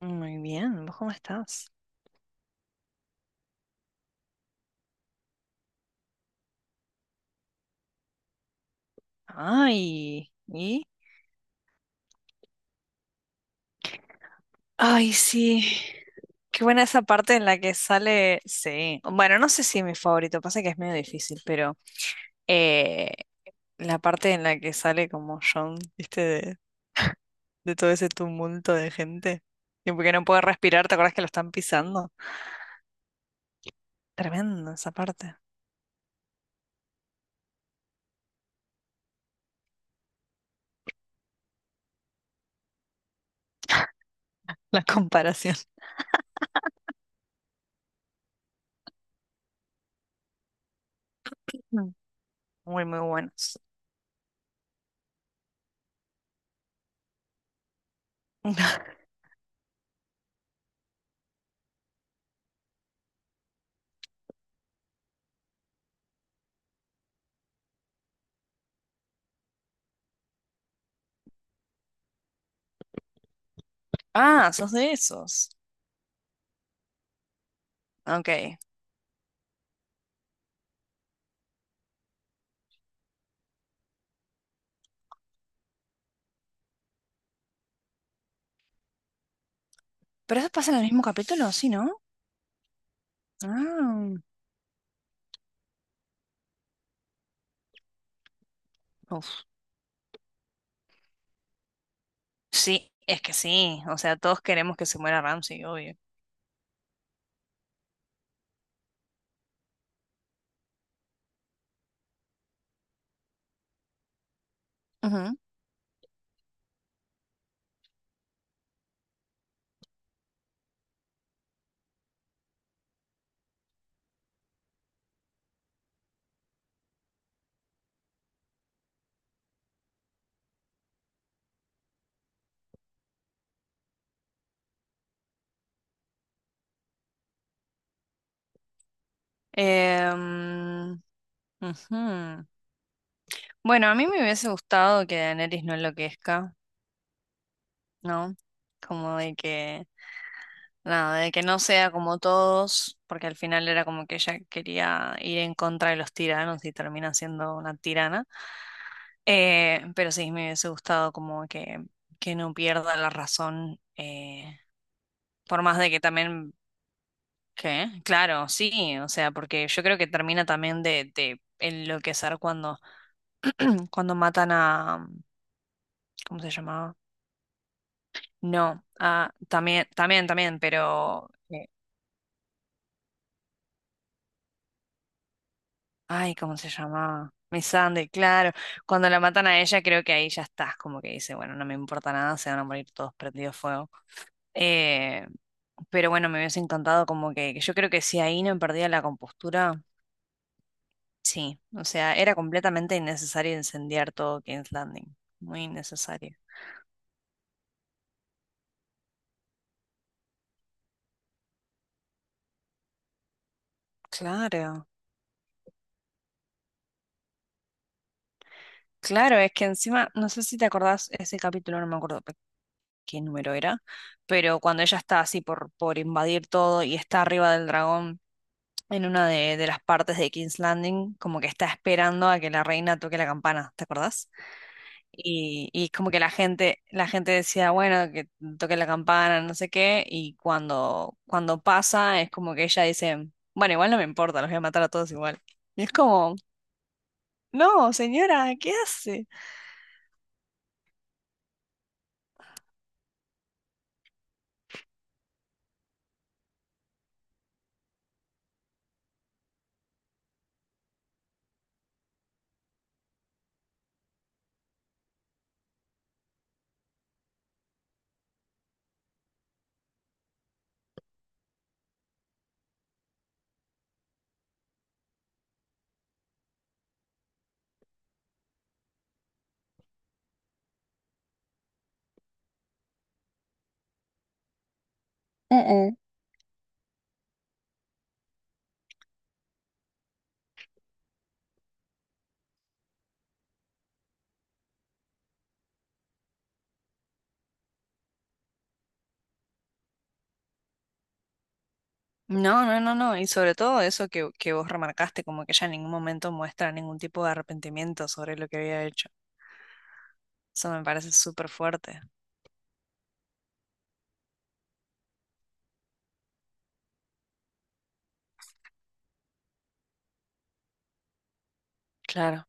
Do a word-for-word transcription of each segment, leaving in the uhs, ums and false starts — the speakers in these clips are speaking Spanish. Muy bien, ¿vos cómo estás? Ay, ¿y? Ay, sí. Qué buena esa parte en la que sale. Sí. Bueno, no sé si es mi favorito, pasa que es medio difícil, pero eh, la parte en la que sale como John, ¿viste? De, de todo ese tumulto de gente. Y porque no puede respirar, ¿te acuerdas que lo están pisando? Tremenda esa parte. La comparación. Mm. Muy, muy buenos. Ah, sos de esos. Ok. ¿Pero eso pasa en el mismo capítulo? Sí, ¿no? Ah. Uf, sí, es que sí. O sea, todos queremos que se muera Ramsey, obvio. Ujú. Em, ujú. Bueno, a mí me hubiese gustado que Daenerys no enloquezca, ¿no? Como de que, nada, de que no sea como todos, porque al final era como que ella quería ir en contra de los tiranos y termina siendo una tirana. Eh, pero sí, me hubiese gustado como que, que no pierda la razón, eh, por más de que también ¿Qué? Claro, sí, o sea, porque yo creo que termina también de, de enloquecer cuando, cuando matan a, ¿cómo se llamaba? No, ah, también, también, también, pero, eh, ay, ¿cómo se llamaba? Miss Sunday, claro, cuando la matan a ella creo que ahí ya estás, como que dice, bueno, no me importa nada, se van a morir todos prendidos fuego. Eh, pero bueno, me hubiese encantado como que, que yo creo que si ahí no perdía la compostura. Sí, o sea, era completamente innecesario incendiar todo King's Landing. Muy innecesario. Claro, claro, es que encima, no sé si te acordás ese capítulo, no me acuerdo pe- qué número era, pero cuando ella está así por, por invadir todo y está arriba del dragón, en una de, de las partes de King's Landing, como que está esperando a que la reina toque la campana, ¿te acordás? Y, y como que la gente, la gente decía, bueno, que toque la campana, no sé qué, y cuando, cuando pasa es como que ella dice, bueno, igual no me importa, los voy a matar a todos igual. Y es como, no, señora, ¿qué hace? No, no, no, no, y sobre todo eso que, que vos remarcaste, como que ella en ningún momento muestra ningún tipo de arrepentimiento sobre lo que había hecho. Eso me parece súper fuerte. Claro.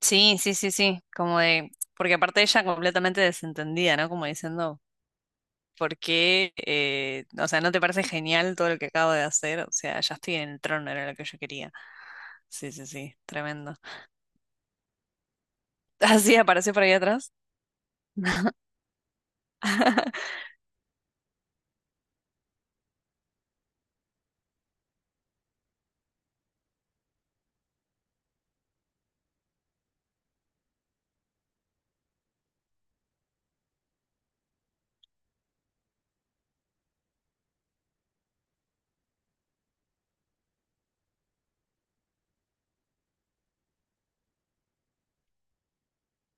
Sí, sí, sí, sí, como de, porque aparte ella completamente desentendida, ¿no? Como diciendo, ¿por qué? eh, o sea, ¿no te parece genial todo lo que acabo de hacer? O sea, ya estoy en el trono, era lo que yo quería. Sí, sí, sí, tremendo. Así apareció por ahí atrás.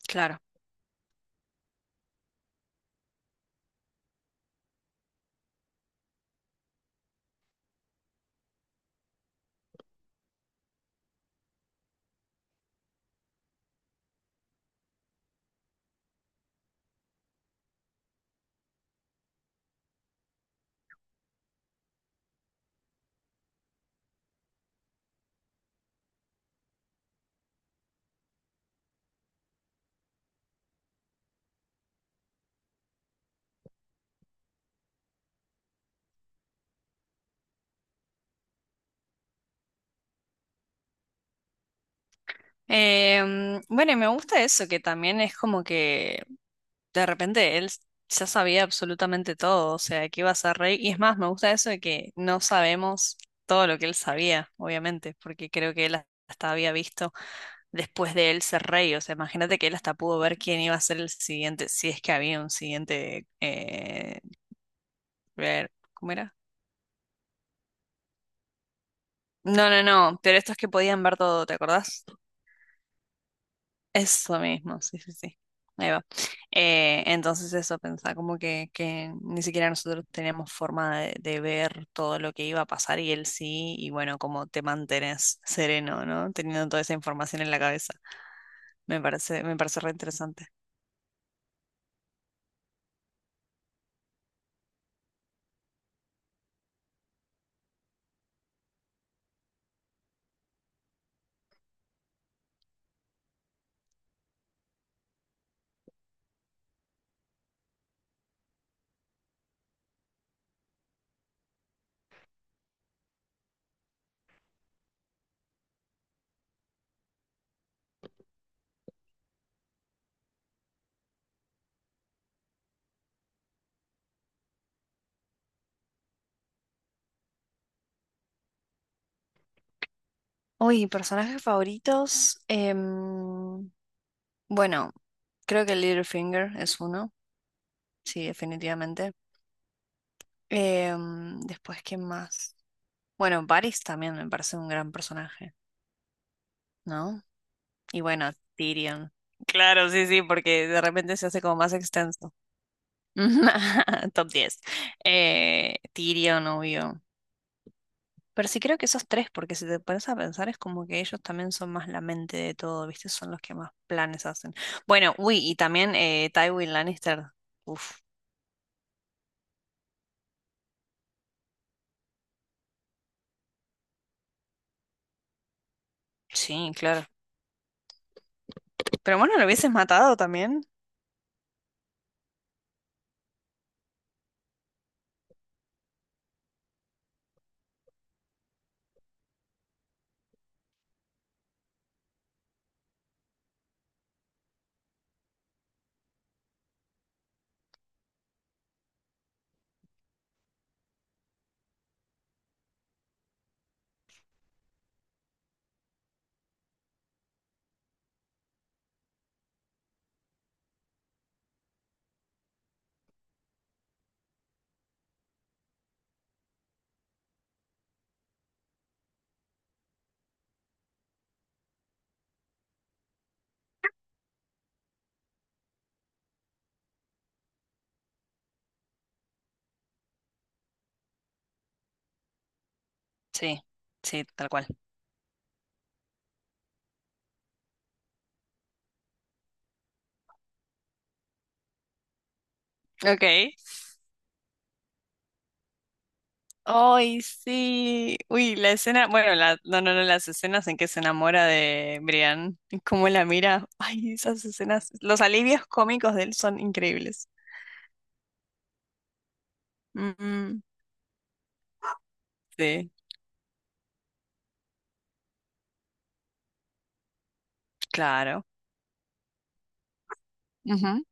Claro. Em, bueno, y me gusta eso, que también es como que de repente él ya sabía absolutamente todo, o sea, que iba a ser rey. Y es más, me gusta eso de que no sabemos todo lo que él sabía, obviamente, porque creo que él hasta había visto después de él ser rey. O sea, imagínate que él hasta pudo ver quién iba a ser el siguiente, si es que había un siguiente... Eh, ver, ¿cómo era? No, no, no, pero estos que podían ver todo, ¿te acordás? Eso mismo, sí, sí, sí. Ahí va. Eh, entonces eso, pensaba como que, que ni siquiera nosotros teníamos forma de, de ver todo lo que iba a pasar y él sí, y bueno, como te mantenés sereno, ¿no? Teniendo toda esa información en la cabeza. Me parece, me parece re interesante. Uy, personajes favoritos. em, bueno, creo que Littlefinger es uno, sí, definitivamente. Em, después, ¿quién más? Bueno, Varys también me parece un gran personaje, ¿no? Y bueno, Tyrion. Claro, sí, sí, porque de repente se hace como más extenso. Top diez. Eh, Tyrion, obvio. Pero sí creo que esos tres, porque si te pones a pensar, es como que ellos también son más la mente de todo, ¿viste? Son los que más planes hacen. Bueno, uy, y también eh, Tywin Lannister. Uf, sí, claro. Pero bueno, lo hubieses matado también. Sí, sí, tal cual. Ok. Ay, sí. Uy, la escena, bueno, la, no, no, no, las escenas en que se enamora de Brian, y cómo la mira. Ay, esas escenas, los alivios cómicos de él son increíbles. Mm, sí, claro. Ujú.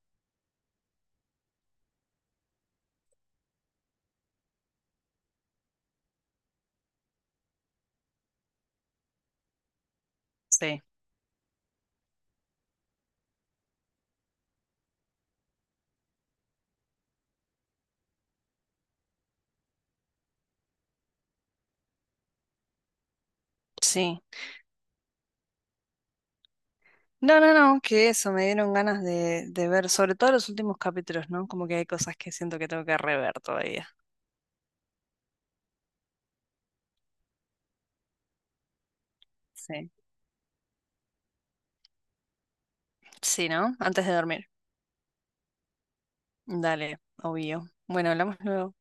Sí, sí. No, no, no, que eso, me dieron ganas de, de ver, sobre todo los últimos capítulos, ¿no? Como que hay cosas que siento que tengo que rever todavía. Sí. Sí, ¿no? Antes de dormir. Dale, obvio. Bueno, hablamos luego.